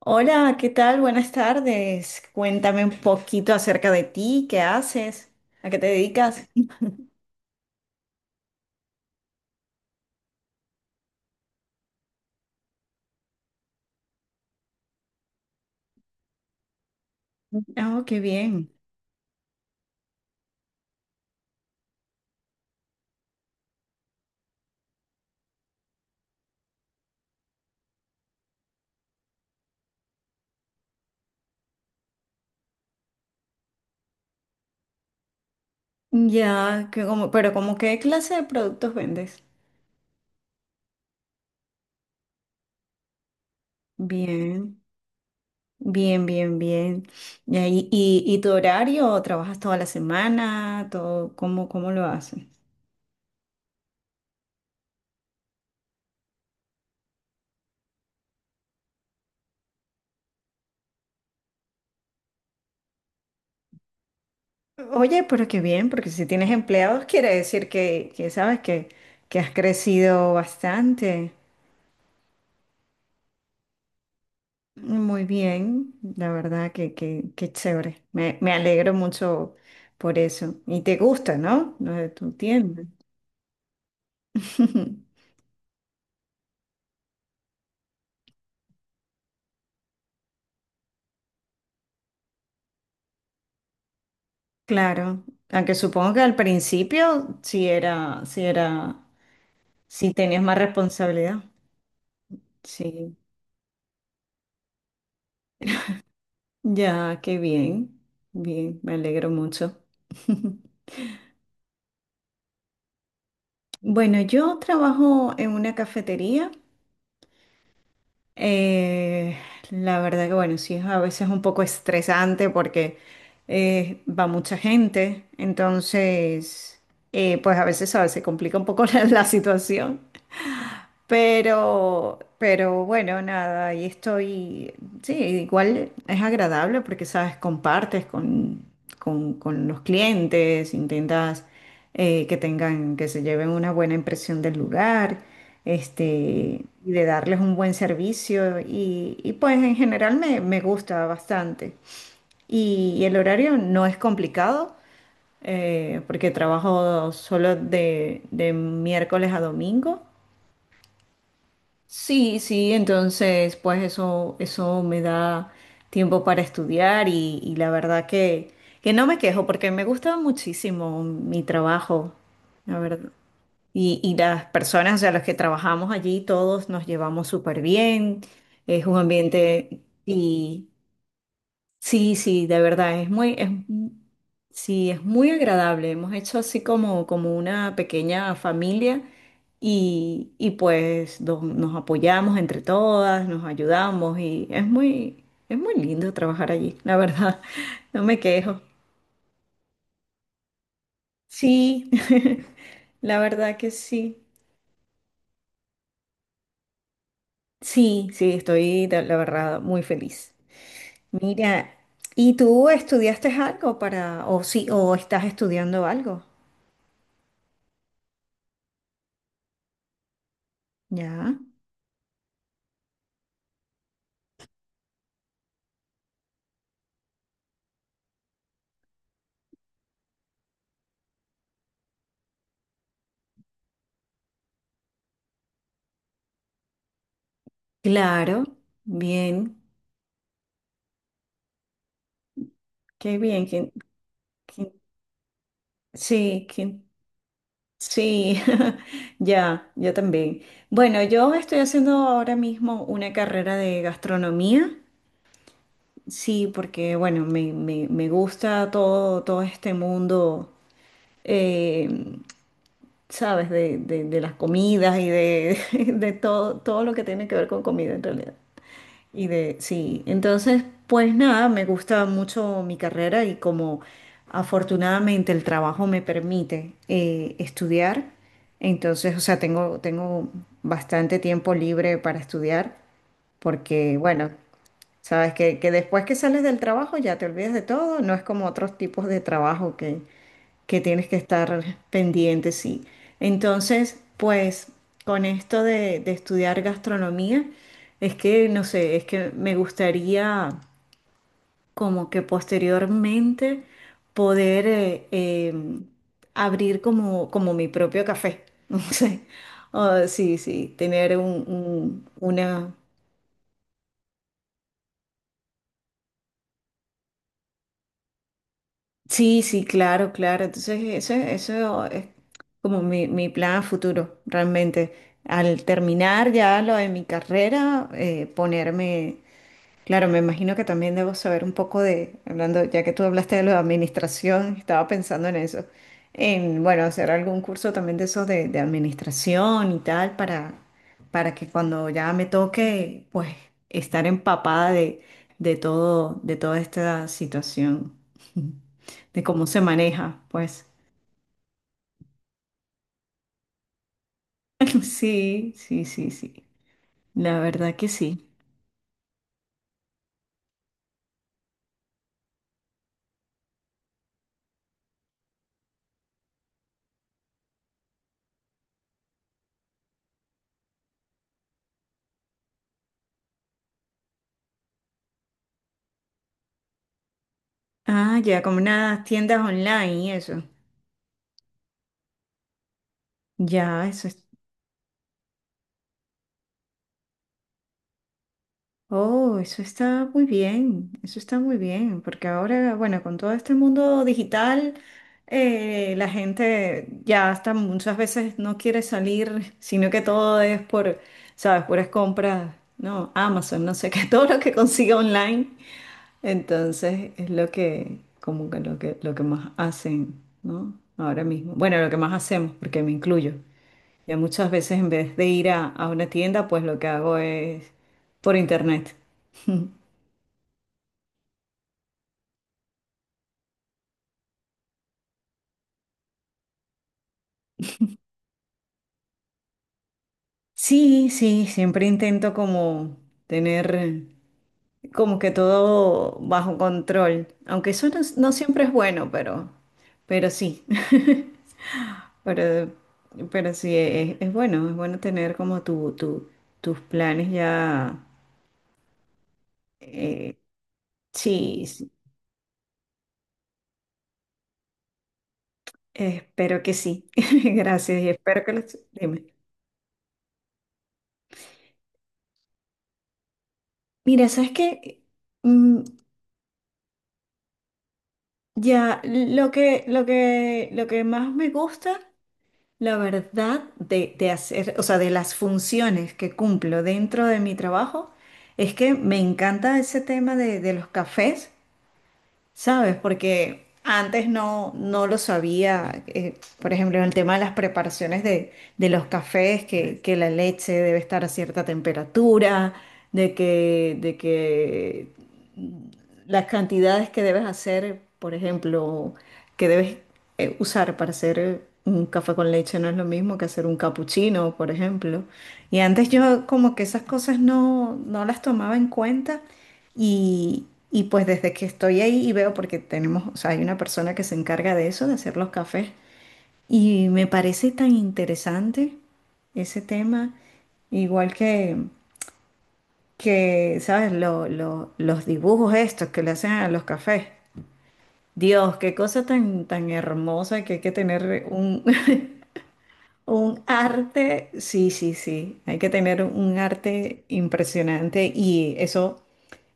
Hola, ¿qué tal? Buenas tardes. Cuéntame un poquito acerca de ti, ¿qué haces? ¿A qué te dedicas? Oh, qué bien. Ya, que como, pero como ¿qué clase de productos vendes? Bien, bien, bien, bien. Ya, ¿y tu horario? ¿Trabajas toda la semana? Todo, ¿cómo lo haces? Oye, pero qué bien, porque si tienes empleados quiere decir que sabes que has crecido bastante. Muy bien, la verdad que chévere. Me alegro mucho por eso. Y te gusta, ¿no? Lo de tu tienda. Claro, aunque supongo que al principio sí tenías más responsabilidad. Sí, ya, qué bien, bien, me alegro mucho. Bueno, yo trabajo en una cafetería. Eh, la verdad que bueno, sí es a veces un poco estresante porque va mucha gente, entonces pues a veces, ¿sabes?, se complica un poco la situación. Pero bueno, nada, ahí estoy. Sí, igual es agradable porque, sabes, compartes con los clientes, intentas que tengan, que se lleven una buena impresión del lugar, este, y de darles un buen servicio. Y pues en general me gusta bastante. Y el horario no es complicado porque trabajo solo de miércoles a domingo. Sí, sí, entonces pues eso me da tiempo para estudiar y la verdad que no me quejo porque me gusta muchísimo mi trabajo, la verdad. Y las personas a las que trabajamos allí, todos nos llevamos súper bien, es un ambiente y sí, sí, de verdad, es muy, sí, es muy agradable. Hemos hecho así como una pequeña familia y pues nos apoyamos entre todas, nos ayudamos y es muy lindo trabajar allí, la verdad, no me quejo. Sí, la verdad que sí. Sí, sí, estoy, la verdad, muy feliz. Mira, ¿y tú estudiaste algo para, o sí, o estás estudiando algo? Ya. Claro, bien, qué bien, que- sí, que, sí, ya, yo también. Bueno, yo estoy haciendo ahora mismo una carrera de gastronomía, sí, porque, bueno, me gusta todo, todo este mundo, eh, ¿sabes? De las comidas y de, de todo, todo lo que tiene que ver con comida en realidad. Y de, sí, entonces, pues nada, me gusta mucho mi carrera y como afortunadamente el trabajo me permite estudiar, entonces, o sea, tengo bastante tiempo libre para estudiar, porque bueno, sabes que después que sales del trabajo ya te olvidas de todo, no es como otros tipos de trabajo que tienes que estar pendiente, sí. Entonces, pues con esto de estudiar gastronomía, es que, no sé, es que me gustaría como que posteriormente poder abrir como mi propio café, no sé. Ah, sí, sí, tener una, sí, sí, claro, claro. Entonces, eso es como mi plan a futuro, realmente. Al terminar ya lo de mi carrera, ponerme claro, me imagino que también debo saber un poco de, hablando, ya que tú hablaste de lo de administración, estaba pensando en eso, en, bueno, hacer algún curso también de eso de administración y tal, para que cuando ya me toque, pues, estar empapada de todo, de toda esta situación, de cómo se maneja, pues. Sí, sí, sí, sí. La verdad que sí. Ah, ya, como unas tiendas online y eso. Ya, eso es. Oh, eso está muy bien, eso está muy bien, porque ahora, bueno, con todo este mundo digital, la gente ya hasta muchas veces no quiere salir, sino que todo es por, ¿sabes? Puras compras, no, Amazon, no sé qué, todo lo que consiga online. Entonces es lo que, como que lo que, lo que más hacen, ¿no? Ahora mismo. Bueno, lo que más hacemos, porque me incluyo. Ya muchas veces en vez de ir a una tienda, pues lo que hago es por internet. Sí, sí, siempre intento como tener como que todo bajo control, aunque eso no, no siempre es bueno, pero sí, pero, pero sí, es bueno tener como tus planes ya, eh, sí, sí, espero que sí, gracias y espero que los... Dime. Mira, ¿sabes qué? Mm, ya, lo que más me gusta, la verdad, de hacer, o sea, de las funciones que cumplo dentro de mi trabajo, es que me encanta ese tema de los cafés, ¿sabes? Porque antes no, no lo sabía, por ejemplo, el tema de las preparaciones de los cafés, que la leche debe estar a cierta temperatura, de que las cantidades que debes hacer, por ejemplo, que debes usar para hacer un café con leche no es lo mismo que hacer un capuchino, por ejemplo. Y antes yo como que esas cosas no, no las tomaba en cuenta y, y pues desde que estoy ahí y veo, porque tenemos, o sea, hay una persona que se encarga de eso, de hacer los cafés, y me parece tan interesante ese tema, igual que, ¿sabes? Los dibujos estos que le hacen a los cafés. Dios, qué cosa tan, tan hermosa que hay que tener un, un arte. Sí, sí, sí. Hay que tener un arte impresionante y eso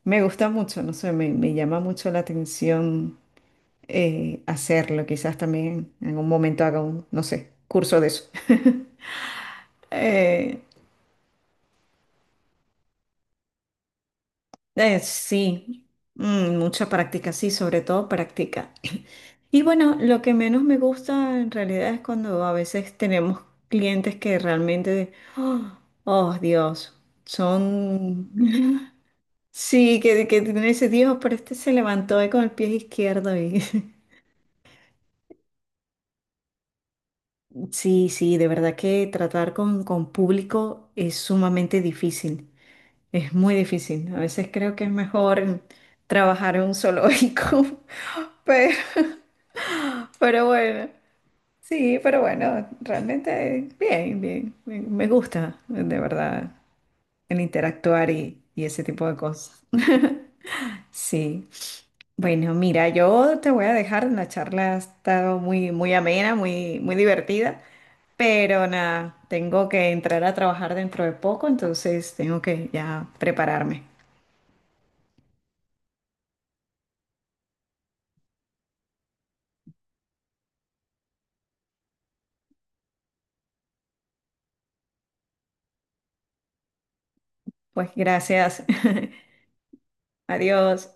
me gusta mucho, no sé, me llama mucho la atención hacerlo. Quizás también en un momento haga un, no sé, curso de eso. Eh, sí, mm, mucha práctica, sí, sobre todo práctica. Y bueno, lo que menos me gusta en realidad es cuando a veces tenemos clientes que realmente, oh, oh, Dios, son, sí, que tienen ese Dios, pero este se levantó hoy con el pie izquierdo y sí, sí, de verdad que tratar con público es sumamente difícil, es muy difícil. A veces creo que es mejor trabajar en un zoológico, pero... Pero bueno, sí, pero bueno, realmente bien, bien, me gusta, de verdad, el interactuar y ese tipo de cosas. Sí, bueno, mira, yo te voy a dejar, la charla ha estado muy, muy amena, muy, muy divertida, pero nada, tengo que entrar a trabajar dentro de poco, entonces tengo que ya prepararme. Pues gracias, adiós.